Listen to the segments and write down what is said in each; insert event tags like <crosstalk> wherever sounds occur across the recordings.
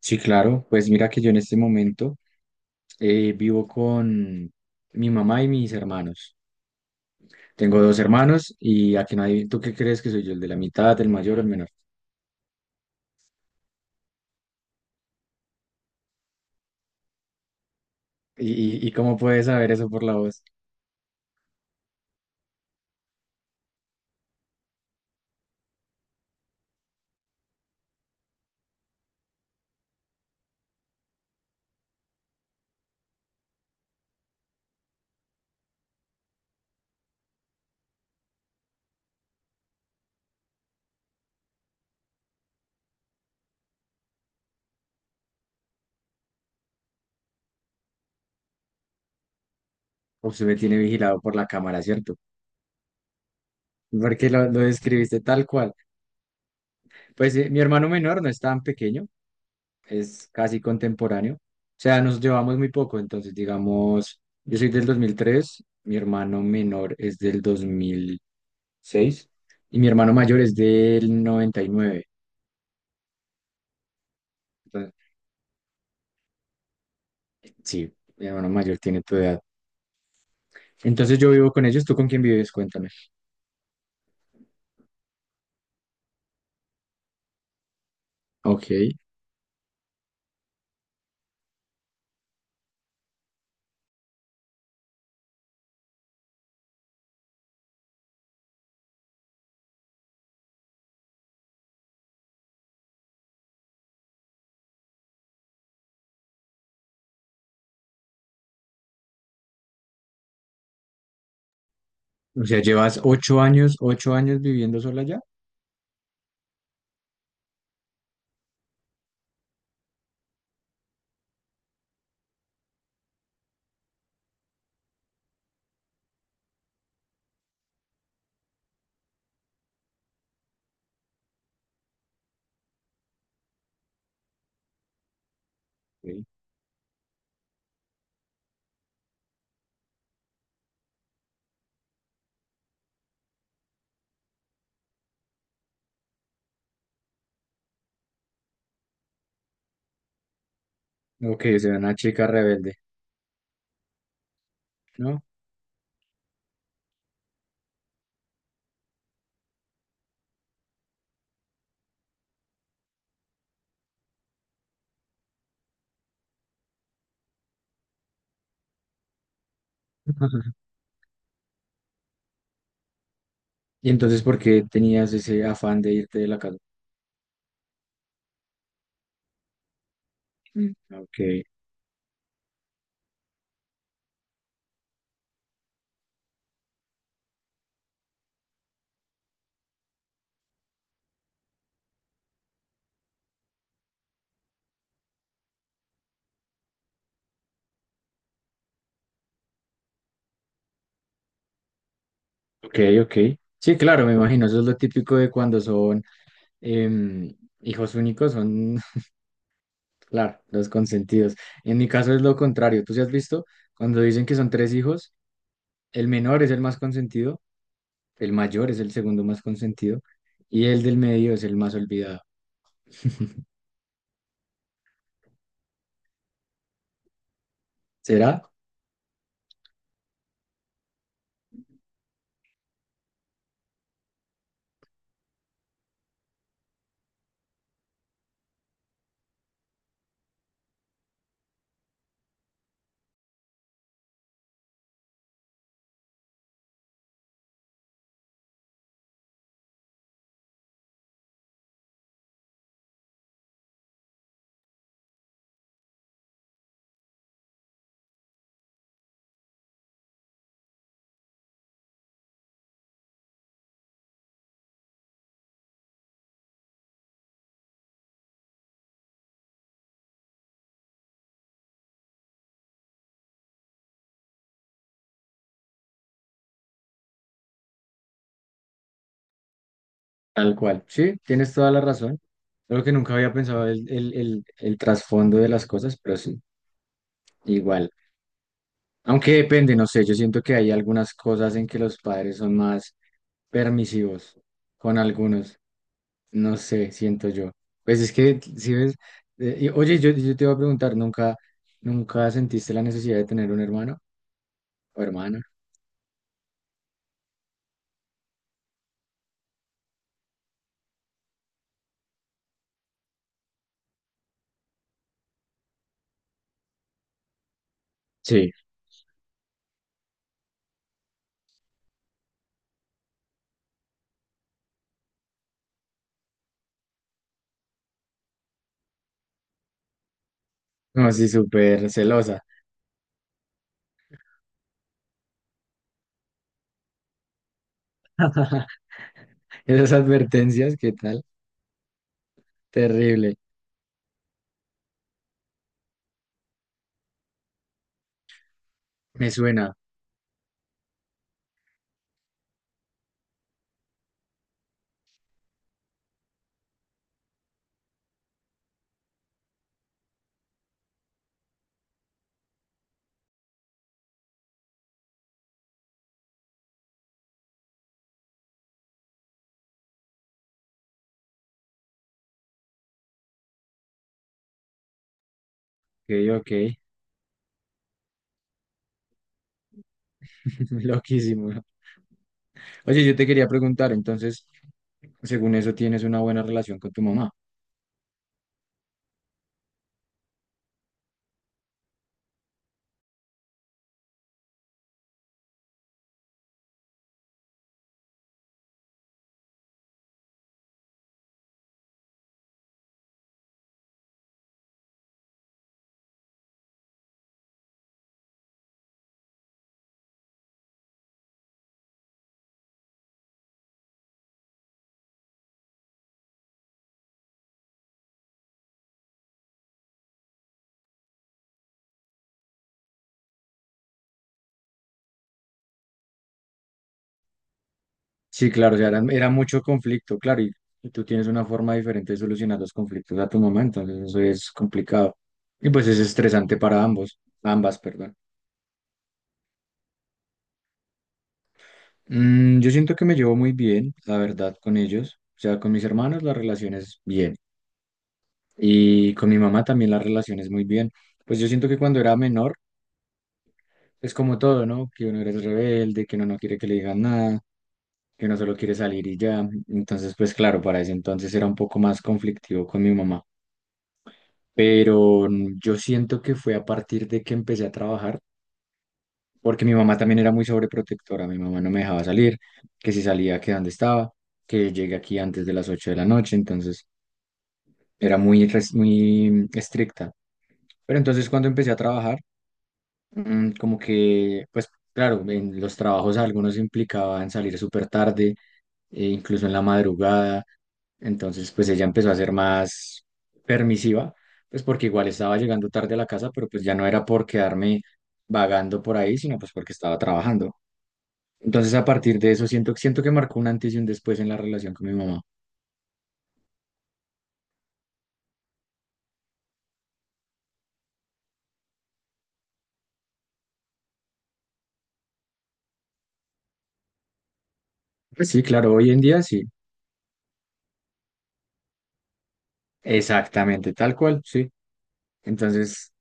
Sí, claro. Pues mira que yo en este momento vivo con mi mamá y mis hermanos. Tengo dos hermanos y a que nadie, ¿tú qué crees que soy yo? ¿El de la mitad, el mayor o el menor? ¿Y cómo puedes saber eso por la voz? O se me tiene vigilado por la cámara, ¿cierto? Porque lo describiste tal cual. Pues mi hermano menor no es tan pequeño, es casi contemporáneo. O sea, nos llevamos muy poco. Entonces, digamos, yo soy del 2003. Mi hermano menor es del 2006, y mi hermano mayor es del noventa y nueve. Entonces, sí, mi hermano mayor tiene tu edad. Entonces yo vivo con ellos, ¿tú con quién vives? Cuéntame. Ok, o sea, llevas 8 años, 8 años viviendo sola ya. Ok, ok, o sea, una chica rebelde, ¿no? <laughs> Y entonces, ¿por qué tenías ese afán de irte de la casa? Mm. Ok, ok, ok. Sí, claro, me imagino, eso es lo típico de cuando son em, hijos únicos, son. Claro, los consentidos. En mi caso es lo contrario. Tú sí has visto, cuando dicen que son tres hijos, el menor es el más consentido, el mayor es el segundo más consentido y el del medio es el más olvidado. ¿Será? Tal cual. Sí, tienes toda la razón. Solo que nunca había pensado el trasfondo de las cosas, pero sí, igual. Aunque depende, no sé, yo siento que hay algunas cosas en que los padres son más permisivos con algunos. No sé, siento yo. Pues es que, si ves, oye, yo te iba a preguntar, ¿nunca, nunca sentiste la necesidad de tener un hermano o hermana? Sí. No, sí, súper celosa. <laughs> Esas advertencias, ¿qué tal? Terrible. Me suena. Ok, ok. <laughs> Loquísimo. Oye, yo te quería preguntar, entonces, según eso, ¿tienes una buena relación con tu mamá? Sí, claro, o sea, era mucho conflicto, claro, y tú tienes una forma diferente de solucionar los conflictos a tu mamá, entonces eso es complicado. Y pues es estresante para ambos, ambas, perdón. Yo siento que me llevo muy bien, la verdad, con ellos. O sea, con mis hermanos la relación es bien. Y con mi mamá también la relación es muy bien. Pues yo siento que cuando era menor, es como todo, ¿no? Que uno eres rebelde, que uno no quiere que le digan nada, que uno solo quiere salir y ya. Entonces, pues claro, para ese entonces era un poco más conflictivo con mi mamá. Pero yo siento que fue a partir de que empecé a trabajar, porque mi mamá también era muy sobreprotectora, mi mamá no me dejaba salir, que si salía, que dónde estaba, que llegué aquí antes de las 8 de la noche, entonces era muy estricta. Pero entonces cuando empecé a trabajar, como que, pues claro, en los trabajos algunos implicaban salir súper tarde, e incluso en la madrugada. Entonces, pues ella empezó a ser más permisiva, pues porque igual estaba llegando tarde a la casa, pero pues ya no era por quedarme vagando por ahí, sino pues porque estaba trabajando. Entonces, a partir de eso, siento que marcó un antes y un después en la relación con mi mamá. Pues sí, claro, hoy en día sí, exactamente, tal cual, sí. Entonces,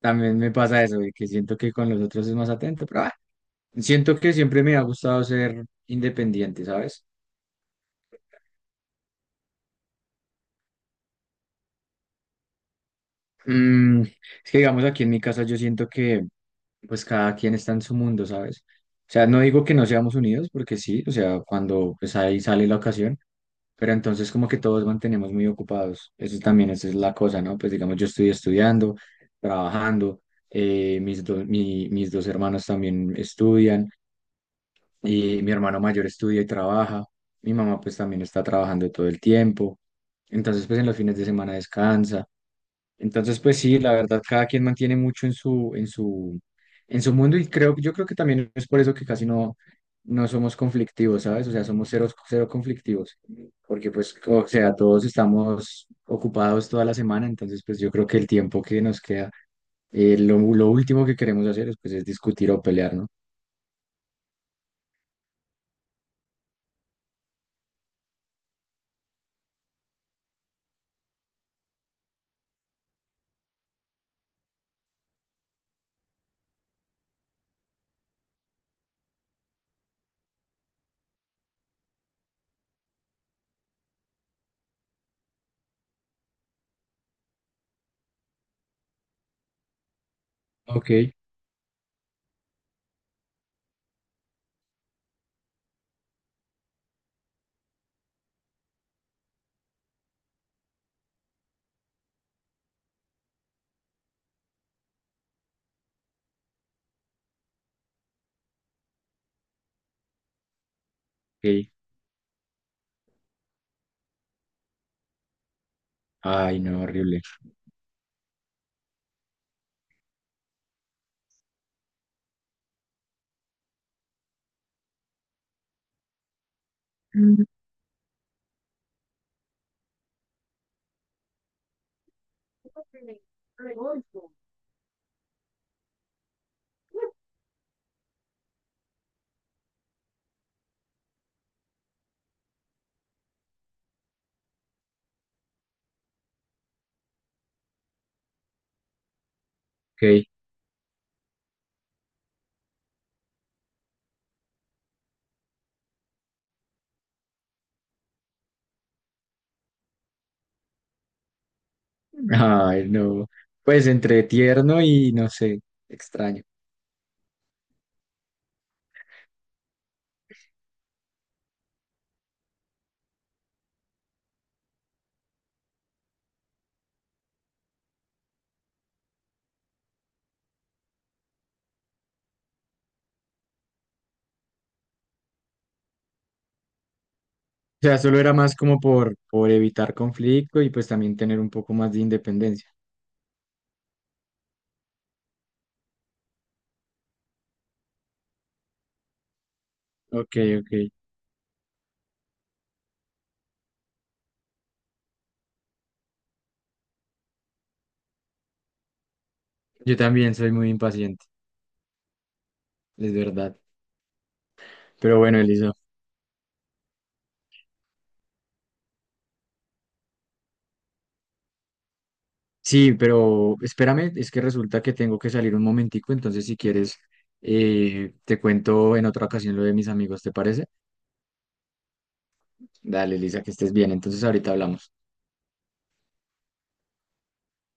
también me pasa eso, de que siento que con los otros es más atento, pero siento que siempre me ha gustado ser independiente, ¿sabes? Es que digamos aquí en mi casa yo siento que pues cada quien está en su mundo, ¿sabes? O sea, no digo que no seamos unidos porque sí, o sea, cuando pues ahí sale la ocasión, pero entonces como que todos mantenemos muy ocupados. Eso también esa es la cosa, ¿no? Pues digamos yo estoy estudiando, trabajando, mis dos hermanos también estudian. Y mi hermano mayor estudia y trabaja, mi mamá pues también está trabajando todo el tiempo, entonces pues en los fines de semana descansa, entonces pues sí, la verdad cada quien mantiene mucho en su mundo y yo creo que también es por eso que casi no, no somos conflictivos, ¿sabes? O sea, somos cero, cero conflictivos, porque pues, o sea, todos estamos ocupados toda la semana, entonces pues yo creo que el tiempo que nos queda lo último que queremos hacer pues, es discutir o pelear, ¿no? Ok, ok. Ay, no, horrible. Ok. Ay, no. Pues entre tierno y no sé, extraño. O sea, solo era más como por evitar conflicto y pues también tener un poco más de independencia. Ok, ok. Yo también soy muy impaciente, es verdad. Pero bueno, Elisa. Sí, pero espérame, es que resulta que tengo que salir un momentico, entonces si quieres, te cuento en otra ocasión lo de mis amigos, ¿te parece? Dale, Elisa, que estés bien. Entonces ahorita hablamos.